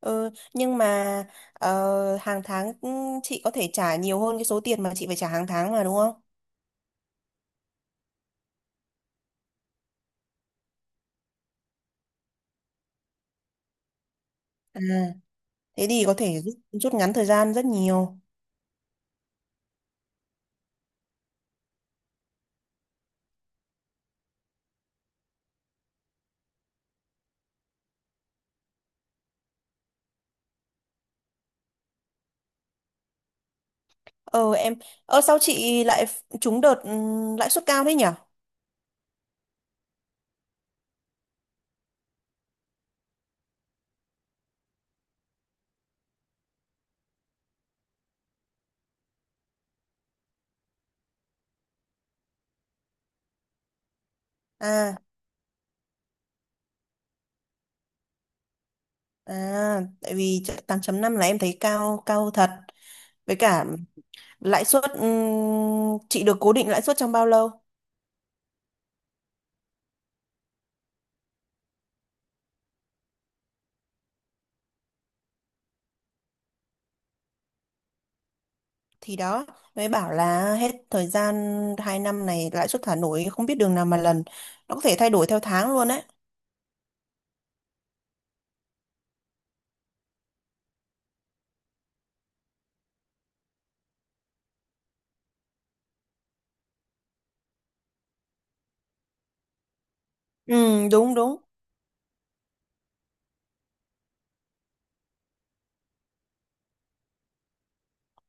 Ừ, nhưng mà hàng tháng chị có thể trả nhiều hơn cái số tiền mà chị phải trả hàng tháng mà đúng không? À, thế thì có thể rút ngắn thời gian rất nhiều. Ờ em, Sao chị lại trúng đợt lãi suất cao thế nhỉ? À, à, tại vì 8,5 là em thấy cao cao thật. Với cả lãi suất chị được cố định lãi suất trong bao lâu? Thì đó, mới bảo là hết thời gian 2 năm này lãi suất thả nổi không biết đường nào mà lần. Nó có thể thay đổi theo tháng luôn đấy. Ừ, đúng đúng.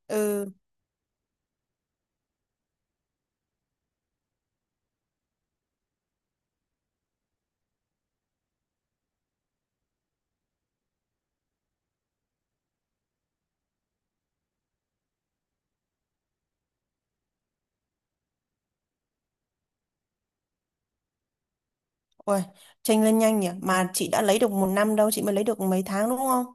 Ừ. Ôi, tranh lên nhanh nhỉ, mà chị đã lấy được một năm đâu, chị mới lấy được mấy tháng đúng không,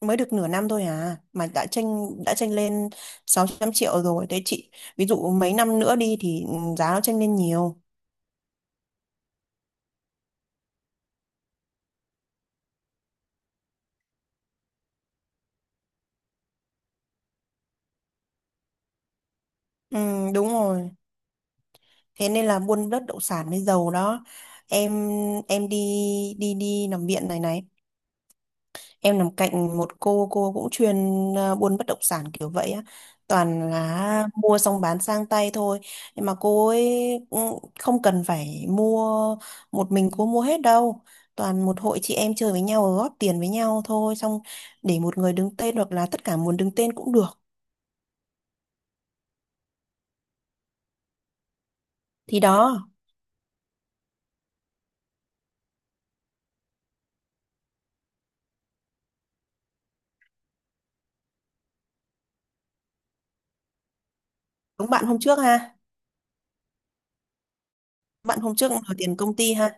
mới được nửa năm thôi à mà đã tranh lên 600 triệu rồi. Thế chị, ví dụ mấy năm nữa đi thì giá nó tranh lên nhiều. Ừ, đúng rồi. Thế nên là buôn đất đậu sản mới giàu đó. Em em đi, đi nằm viện này này. Em nằm cạnh một cô cũng chuyên buôn bất động sản kiểu vậy á. Toàn là mua xong bán sang tay thôi. Nhưng mà cô ấy cũng không cần phải mua, một mình cô mua hết đâu. Toàn một hội chị em chơi với nhau rồi góp tiền với nhau thôi. Xong để một người đứng tên, hoặc là tất cả muốn đứng tên cũng được. Thì đó, đúng bạn hôm trước ha. Bạn hôm trước đòi tiền công ty ha.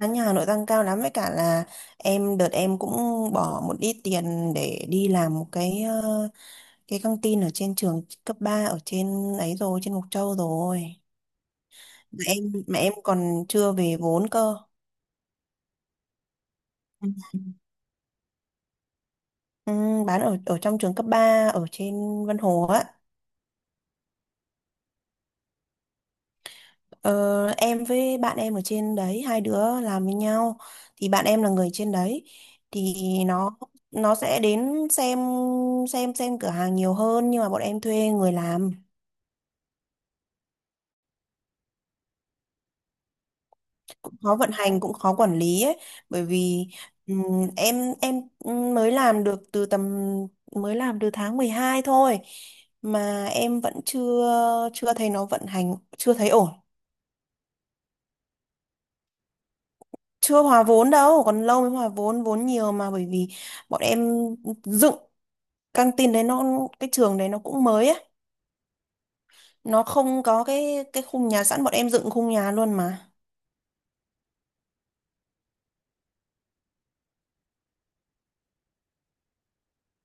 Giá nhà Hà Nội tăng cao lắm, với cả là đợt em cũng bỏ một ít tiền để đi làm một cái căng tin ở trên trường cấp 3 ở trên ấy, rồi trên Mộc Châu rồi, mà em còn chưa về vốn cơ. Ừ. Ừ, bán ở ở trong trường cấp 3 ở trên Vân Hồ á. Ờ, em với bạn em ở trên đấy, hai đứa làm với nhau, thì bạn em là người trên đấy, thì nó nó sẽ đến xem cửa hàng nhiều hơn, nhưng mà bọn em thuê người làm. Khó vận hành, cũng khó quản lý ấy, bởi vì em mới làm được từ tầm mới làm từ tháng 12 thôi, mà em vẫn chưa chưa thấy nó vận hành, chưa thấy ổn. Chưa hòa vốn đâu, còn lâu mới hòa vốn. Vốn nhiều mà, bởi vì bọn em dựng căng tin đấy, nó, cái trường đấy nó cũng mới ấy, nó không có cái khung nhà sẵn, bọn em dựng khung nhà luôn mà.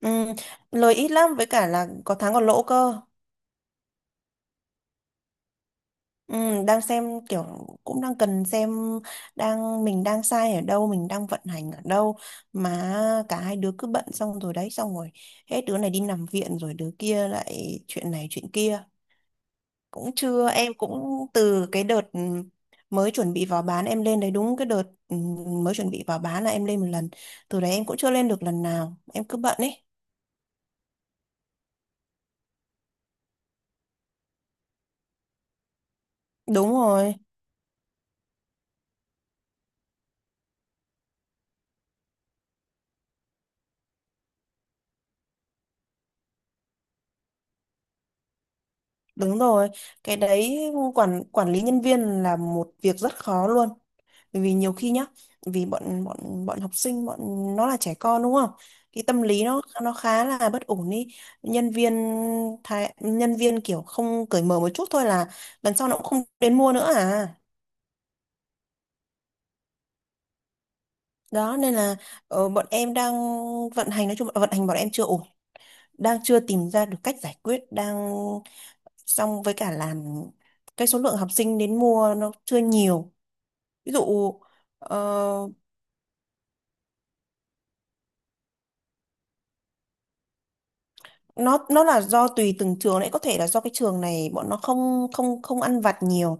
Ừm, Lời ít lắm, với cả là có tháng còn lỗ cơ. Ừ, đang xem kiểu, cũng đang cần xem, đang, mình đang sai ở đâu, mình đang vận hành ở đâu, mà cả hai đứa cứ bận, xong rồi đấy xong rồi hết đứa này đi nằm viện rồi đứa kia lại chuyện này chuyện kia. Cũng chưa, em cũng từ cái đợt mới chuẩn bị vào bán em lên đấy đúng cái đợt, ừ, mới chuẩn bị vào bán là em lên một lần, từ đấy em cũng chưa lên được lần nào, em cứ bận ấy. Đúng rồi. Đúng rồi, cái đấy, quản quản lý nhân viên là một việc rất khó luôn. Bởi vì nhiều khi nhá, vì bọn bọn bọn học sinh, bọn nó là trẻ con đúng không, cái tâm lý nó khá là bất ổn đi. Nhân viên thái, nhân viên kiểu không cởi mở một chút thôi là lần sau nó cũng không đến mua nữa à. Đó nên là bọn em đang vận hành, nói chung là vận hành bọn em chưa ổn, đang chưa tìm ra được cách giải quyết, đang, xong với cả làm cái số lượng học sinh đến mua nó chưa nhiều. Ví dụ ờ, nó là do tùy từng trường đấy, có thể là do cái trường này bọn nó không không không ăn vặt nhiều.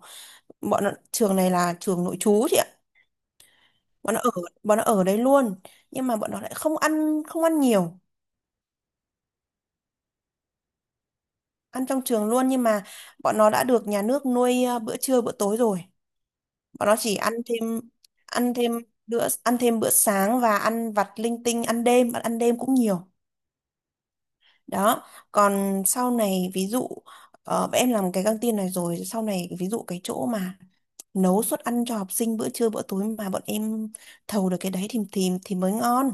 Bọn nó, trường này là trường nội trú chị ạ, bọn nó ở bọn nó ở đấy luôn, nhưng mà bọn nó lại không ăn nhiều. Ăn trong trường luôn, nhưng mà bọn nó đã được nhà nước nuôi bữa trưa bữa tối rồi, bọn nó chỉ ăn thêm, ăn thêm bữa sáng và ăn vặt linh tinh, ăn đêm, bọn ăn đêm cũng nhiều. Đó, còn sau này ví dụ em làm cái căng tin này rồi sau này, ví dụ cái chỗ mà nấu suất ăn cho học sinh bữa trưa bữa tối mà bọn em thầu được cái đấy thì mới ngon.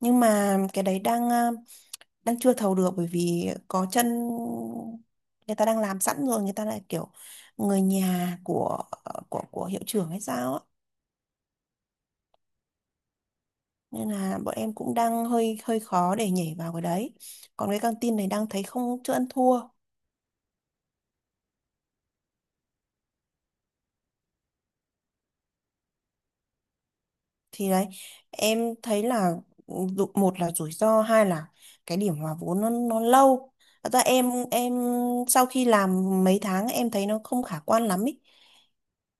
Nhưng mà cái đấy đang đang chưa thầu được, bởi vì có chân, người ta đang làm sẵn rồi, người ta lại kiểu người nhà của hiệu trưởng hay sao á, nên là bọn em cũng đang hơi hơi khó để nhảy vào cái đấy. Còn cái căng tin này đang thấy không, chưa ăn thua. Thì đấy em thấy là một là rủi ro, hai là cái điểm hòa vốn nó lâu. Thật ra em sau khi làm mấy tháng em thấy nó không khả quan lắm ý.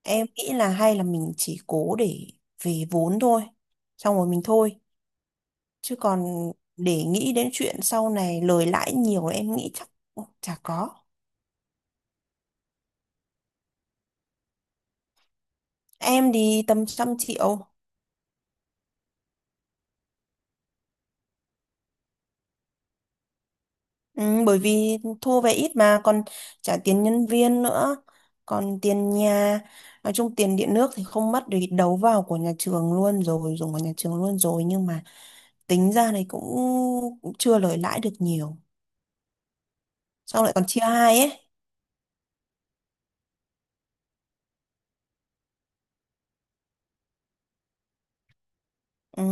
Em nghĩ là hay là mình chỉ cố để về vốn thôi, xong rồi mình thôi, chứ còn để nghĩ đến chuyện sau này lời lãi nhiều em nghĩ chắc chả có. Em thì tầm 100 triệu. Ừ, bởi vì thu về ít mà còn trả tiền nhân viên nữa, còn tiền nhà, nói chung tiền điện nước thì không mất vì đấu vào của nhà trường luôn rồi, dùng của nhà trường luôn rồi, nhưng mà tính ra này cũng chưa lời lãi được nhiều, sau lại còn chia hai ấy. Ừ.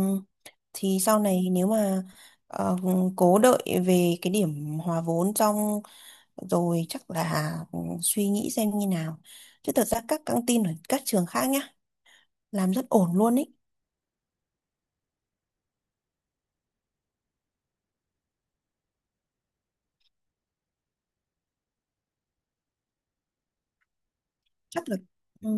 Thì sau này nếu mà ờ, cố đợi về cái điểm hòa vốn xong rồi chắc là suy nghĩ xem như nào, chứ thật ra các căng tin ở các trường khác nhá làm rất ổn luôn ý. chắc là ừ,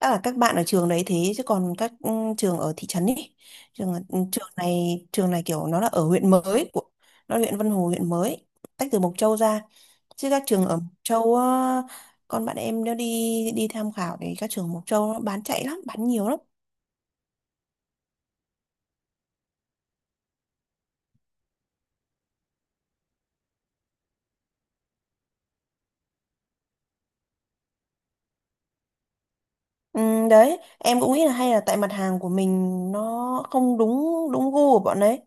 chắc là các bạn ở trường đấy thế, chứ còn các trường ở thị trấn ấy, trường ở- ừ, trường này trường này kiểu nó là ở huyện mới, của, nó là huyện Vân Hồ, huyện mới tách từ Mộc Châu ra, chứ các trường ở Mộc Châu á, con bạn em nó đi đi tham khảo thì các trường Mộc Châu nó bán chạy lắm, bán nhiều lắm. ừ, Đấy em cũng nghĩ là hay là tại mặt hàng của mình nó không đúng đúng gu của bọn đấy.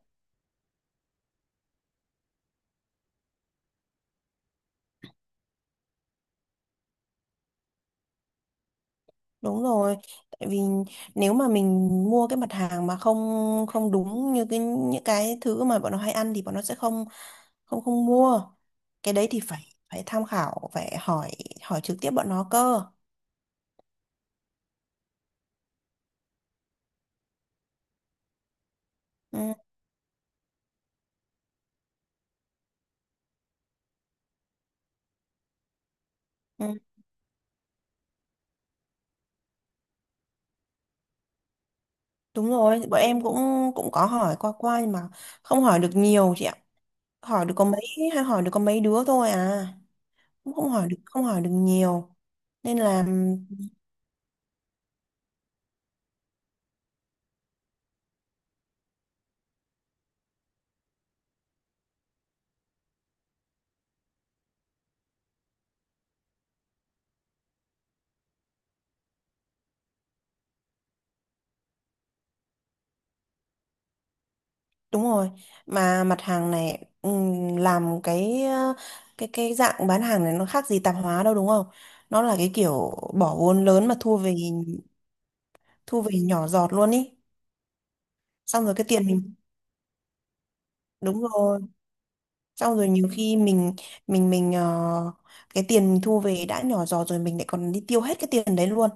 Đúng rồi, tại vì nếu mà mình mua cái mặt hàng mà không không đúng như những cái thứ mà bọn nó hay ăn thì bọn nó sẽ không không không mua. Cái đấy thì phải phải tham khảo, phải hỏi hỏi trực tiếp bọn nó cơ. Ừ, ừ, đúng rồi, bọn em cũng cũng có hỏi qua qua nhưng mà không hỏi được nhiều chị ạ. Hỏi được có mấy Hỏi được có mấy đứa thôi à. Cũng không hỏi được nhiều. Nên là, đúng rồi, mà mặt hàng này làm cái cái dạng bán hàng này nó khác gì tạp hóa đâu đúng không? Nó là cái kiểu bỏ vốn lớn mà thu về nhỏ giọt luôn ý. Xong rồi cái tiền mình, đúng rồi, xong rồi nhiều khi mình mình mình ờ, cái tiền mình thu về đã nhỏ giọt rồi, mình lại còn đi tiêu hết cái tiền đấy luôn.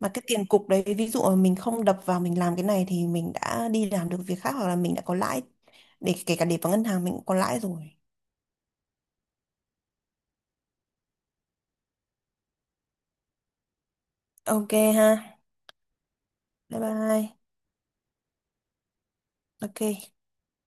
Mà cái tiền cục đấy, ví dụ mà mình không đập vào mình làm cái này thì mình đã đi làm được việc khác, hoặc là mình đã có lãi, để kể cả để vào ngân hàng mình cũng có lãi rồi. Ok ha. Bye bye. Ok.